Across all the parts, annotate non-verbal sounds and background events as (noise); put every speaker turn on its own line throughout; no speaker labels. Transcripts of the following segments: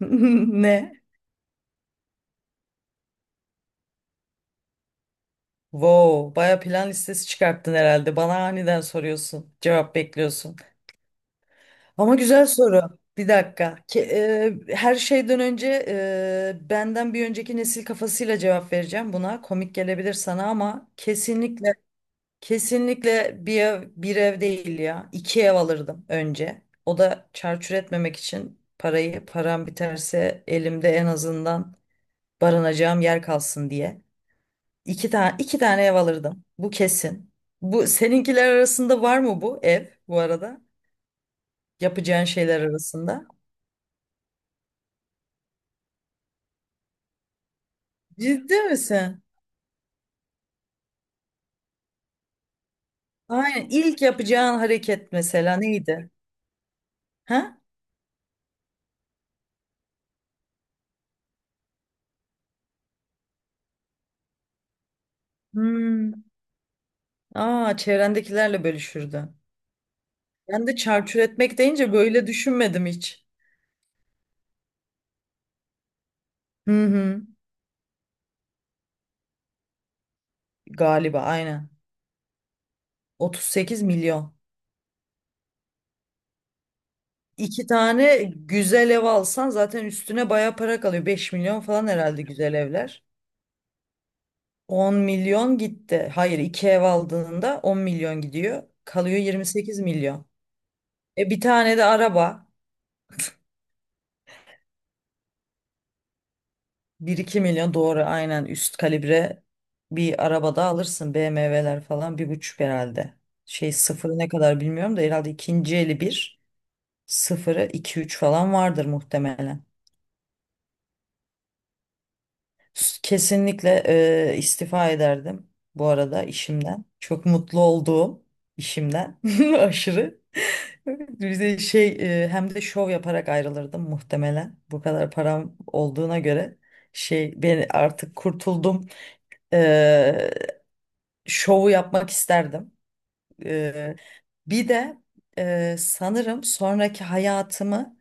(laughs) Ne? Wow, baya plan listesi çıkarttın herhalde. Bana aniden soruyorsun, cevap bekliyorsun. Ama güzel soru. Bir dakika. Her şeyden önce benden bir önceki nesil kafasıyla cevap vereceğim buna. Komik gelebilir sana ama kesinlikle bir ev, bir ev değil ya. İki ev alırdım önce. O da çarçur etmemek için parayı param biterse elimde en azından barınacağım yer kalsın diye. İki tane ev alırdım. Bu kesin. Bu seninkiler arasında var mı bu ev bu arada? Yapacağın şeyler arasında. Ciddi misin? Aynen. İlk yapacağın hareket mesela neydi? Ha? Hmm. Aa, çevrendekilerle bölüşürdün. Ben de çarçur etmek deyince böyle düşünmedim hiç. Hı hı. Galiba aynen. 38 milyon. İki tane güzel ev alsan zaten üstüne baya para kalıyor. 5 milyon falan herhalde güzel evler. 10 milyon gitti. Hayır, iki ev aldığında 10 milyon gidiyor. Kalıyor 28 milyon. E bir tane de araba. Bir iki milyon doğru, aynen, üst kalibre bir araba da alırsın. BMW'ler falan bir buçuk herhalde. Şey, sıfırı ne kadar bilmiyorum da herhalde ikinci eli bir, sıfırı iki üç falan vardır muhtemelen. Kesinlikle istifa ederdim bu arada işimden. Çok mutlu olduğum işimden (laughs) aşırı. Bize şey, hem de şov yaparak ayrılırdım muhtemelen. Bu kadar param olduğuna göre şey, ben artık kurtuldum. E, şovu yapmak isterdim. Bir de sanırım sonraki hayatımı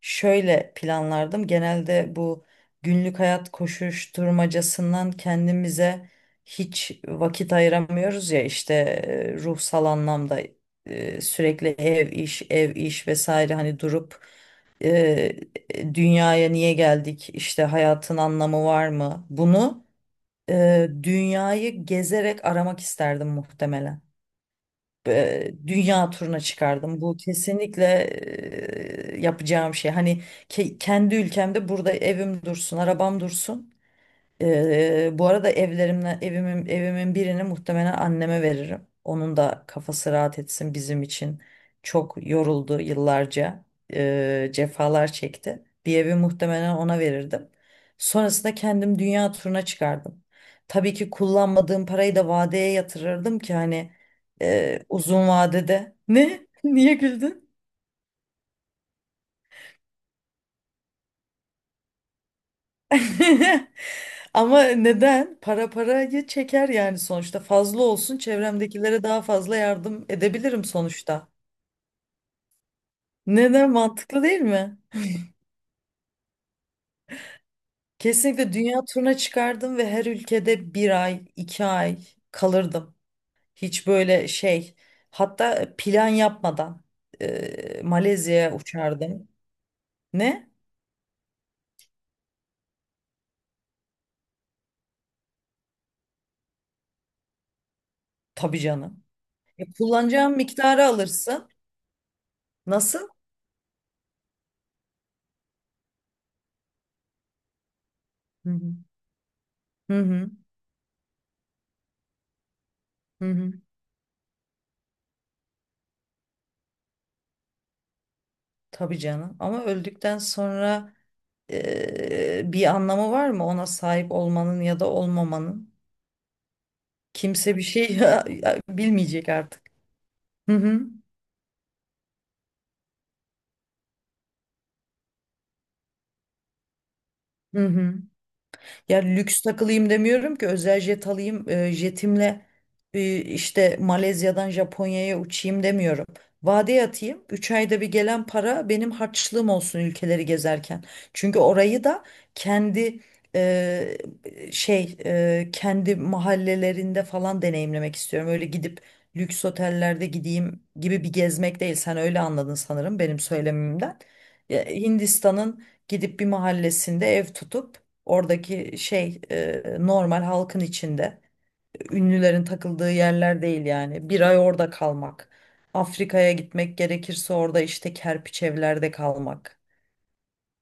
şöyle planlardım. Genelde bu günlük hayat koşuşturmacasından kendimize hiç vakit ayıramıyoruz ya işte, ruhsal anlamda, sürekli ev iş ev iş vesaire, hani durup e, dünyaya niye geldik, işte hayatın anlamı var mı, bunu dünyayı gezerek aramak isterdim muhtemelen. Dünya turuna çıkardım. Bu kesinlikle yapacağım şey. Hani kendi ülkemde burada evim dursun, arabam dursun. Bu arada evlerimle, evimin birini muhtemelen anneme veririm. Onun da kafası rahat etsin bizim için. Çok yoruldu yıllarca. Cefalar çekti. Bir evi muhtemelen ona verirdim. Sonrasında kendim dünya turuna çıkardım. Tabii ki kullanmadığım parayı da vadeye yatırırdım ki hani, uzun vadede. Ne? (laughs) Niye güldün? (laughs) Ama neden? Para parayı çeker yani sonuçta. Fazla olsun, çevremdekilere daha fazla yardım edebilirim sonuçta. Neden? Mantıklı değil mi? Kesinlikle dünya turuna çıkardım ve her ülkede bir ay, 2 ay kalırdım. Hiç böyle şey. Hatta plan yapmadan Malezya'ya uçardım. Ne? Tabii canım. E, kullanacağın miktarı alırsın. Nasıl? Hı hı. Hı hı. Hı hı. Tabii canım. Ama öldükten sonra bir anlamı var mı ona sahip olmanın ya da olmamanın? Kimse bir şey (laughs) bilmeyecek artık. Hı hı. Hı hı. Ya, lüks takılayım demiyorum ki, özel jet alayım, jetimle işte Malezya'dan Japonya'ya uçayım demiyorum. Vadeye atayım, 3 ayda bir gelen para benim harçlığım olsun ülkeleri gezerken. Çünkü orayı da kendi, e, şey, kendi mahallelerinde falan deneyimlemek istiyorum. Öyle gidip lüks otellerde gideyim gibi bir gezmek değil. Sen öyle anladın sanırım benim söylemimden. Ya, Hindistan'ın gidip bir mahallesinde ev tutup oradaki şey, normal halkın içinde. Ünlülerin takıldığı yerler değil yani. Bir ay orada kalmak. Afrika'ya gitmek gerekirse orada işte kerpiç evlerde kalmak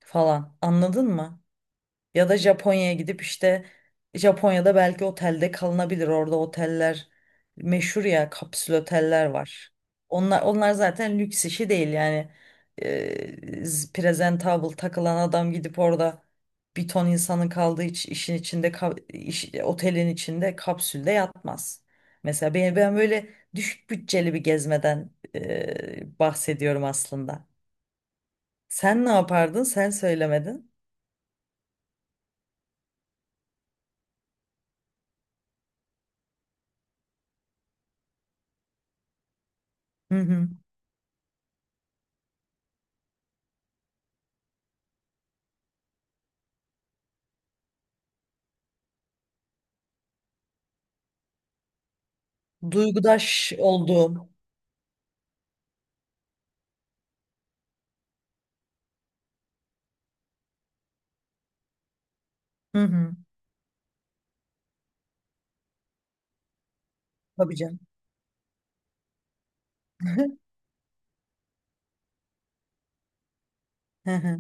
falan. Anladın mı? Ya da Japonya'ya gidip işte, Japonya'da belki otelde kalınabilir. Orada oteller meşhur ya, kapsül oteller var. Onlar zaten lüks işi değil yani. Ee, presentable takılan adam gidip orada bir ton insanın kaldığı işin içinde, otelin içinde kapsülde yatmaz. Mesela ben böyle düşük bütçeli bir gezmeden bahsediyorum aslında. Sen ne yapardın? Sen söylemedin. Hı hı. Duygudaş olduğum. Hı hı. Tabii canım. (laughs) Hı hı.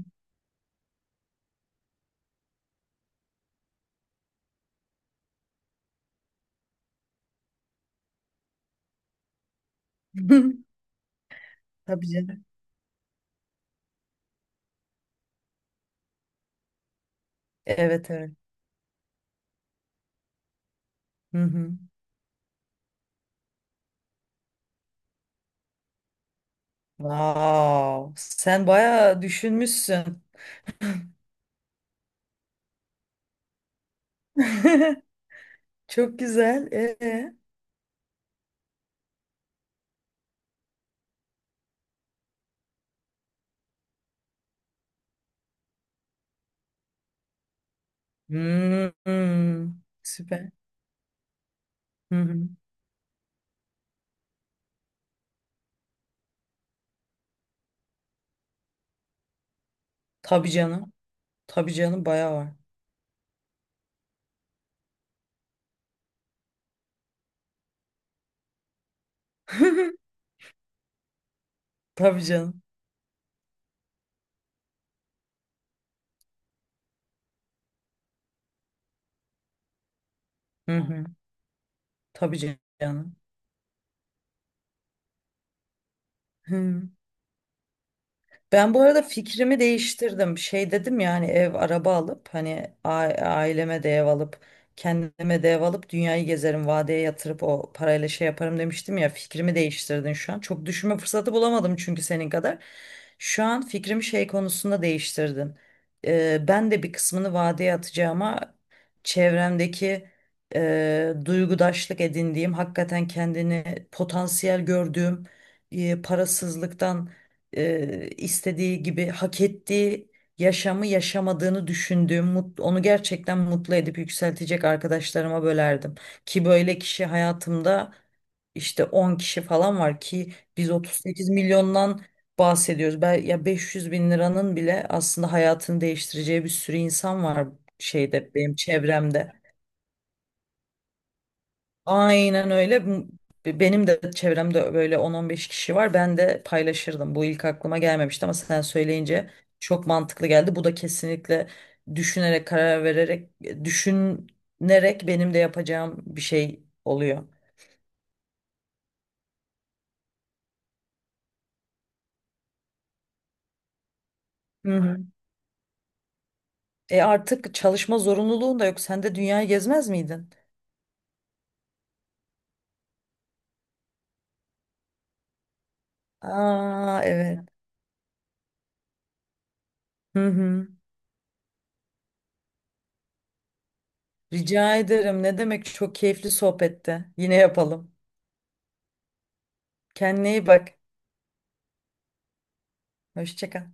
(laughs) Tabii canım. Evet, evet. Hı hı. Wow. Sen bayağı düşünmüşsün. (laughs) Çok güzel. Ee? Hmm, hmm. Süper. Hı hı. Tabii canım. Tabii canım, bayağı var. (laughs) Tabii canım. Hı hı. Tabii canım. Hı. Ben bu arada fikrimi değiştirdim. Şey dedim yani, ev araba alıp, hani aileme de ev alıp, kendime de ev alıp, dünyayı gezerim, vadeye yatırıp o parayla şey yaparım demiştim ya, fikrimi değiştirdin şu an. Çok düşünme fırsatı bulamadım çünkü senin kadar. Şu an fikrimi şey konusunda değiştirdin. Ben de bir kısmını vadeye atacağıma, çevremdeki duygudaşlık edindiğim, hakikaten kendini potansiyel gördüğüm, parasızlıktan istediği gibi hak ettiği yaşamı yaşamadığını düşündüğüm, onu gerçekten mutlu edip yükseltecek arkadaşlarıma bölerdim. Ki böyle kişi hayatımda işte 10 kişi falan var, ki biz 38 milyondan bahsediyoruz. Ben, ya 500 bin liranın bile aslında hayatını değiştireceği bir sürü insan var şeyde, benim çevremde. Aynen öyle. Benim de çevremde böyle 10-15 kişi var. Ben de paylaşırdım. Bu ilk aklıma gelmemişti ama sen söyleyince çok mantıklı geldi. Bu da kesinlikle düşünerek, karar vererek, düşünerek benim de yapacağım bir şey oluyor. Hı hı. E artık çalışma zorunluluğun da yok. Sen de dünyayı gezmez miydin? Aa, evet. Hı hı. Rica ederim. Ne demek? Çok keyifli sohbette. Yine yapalım. Kendine iyi bak. Hoşça kal.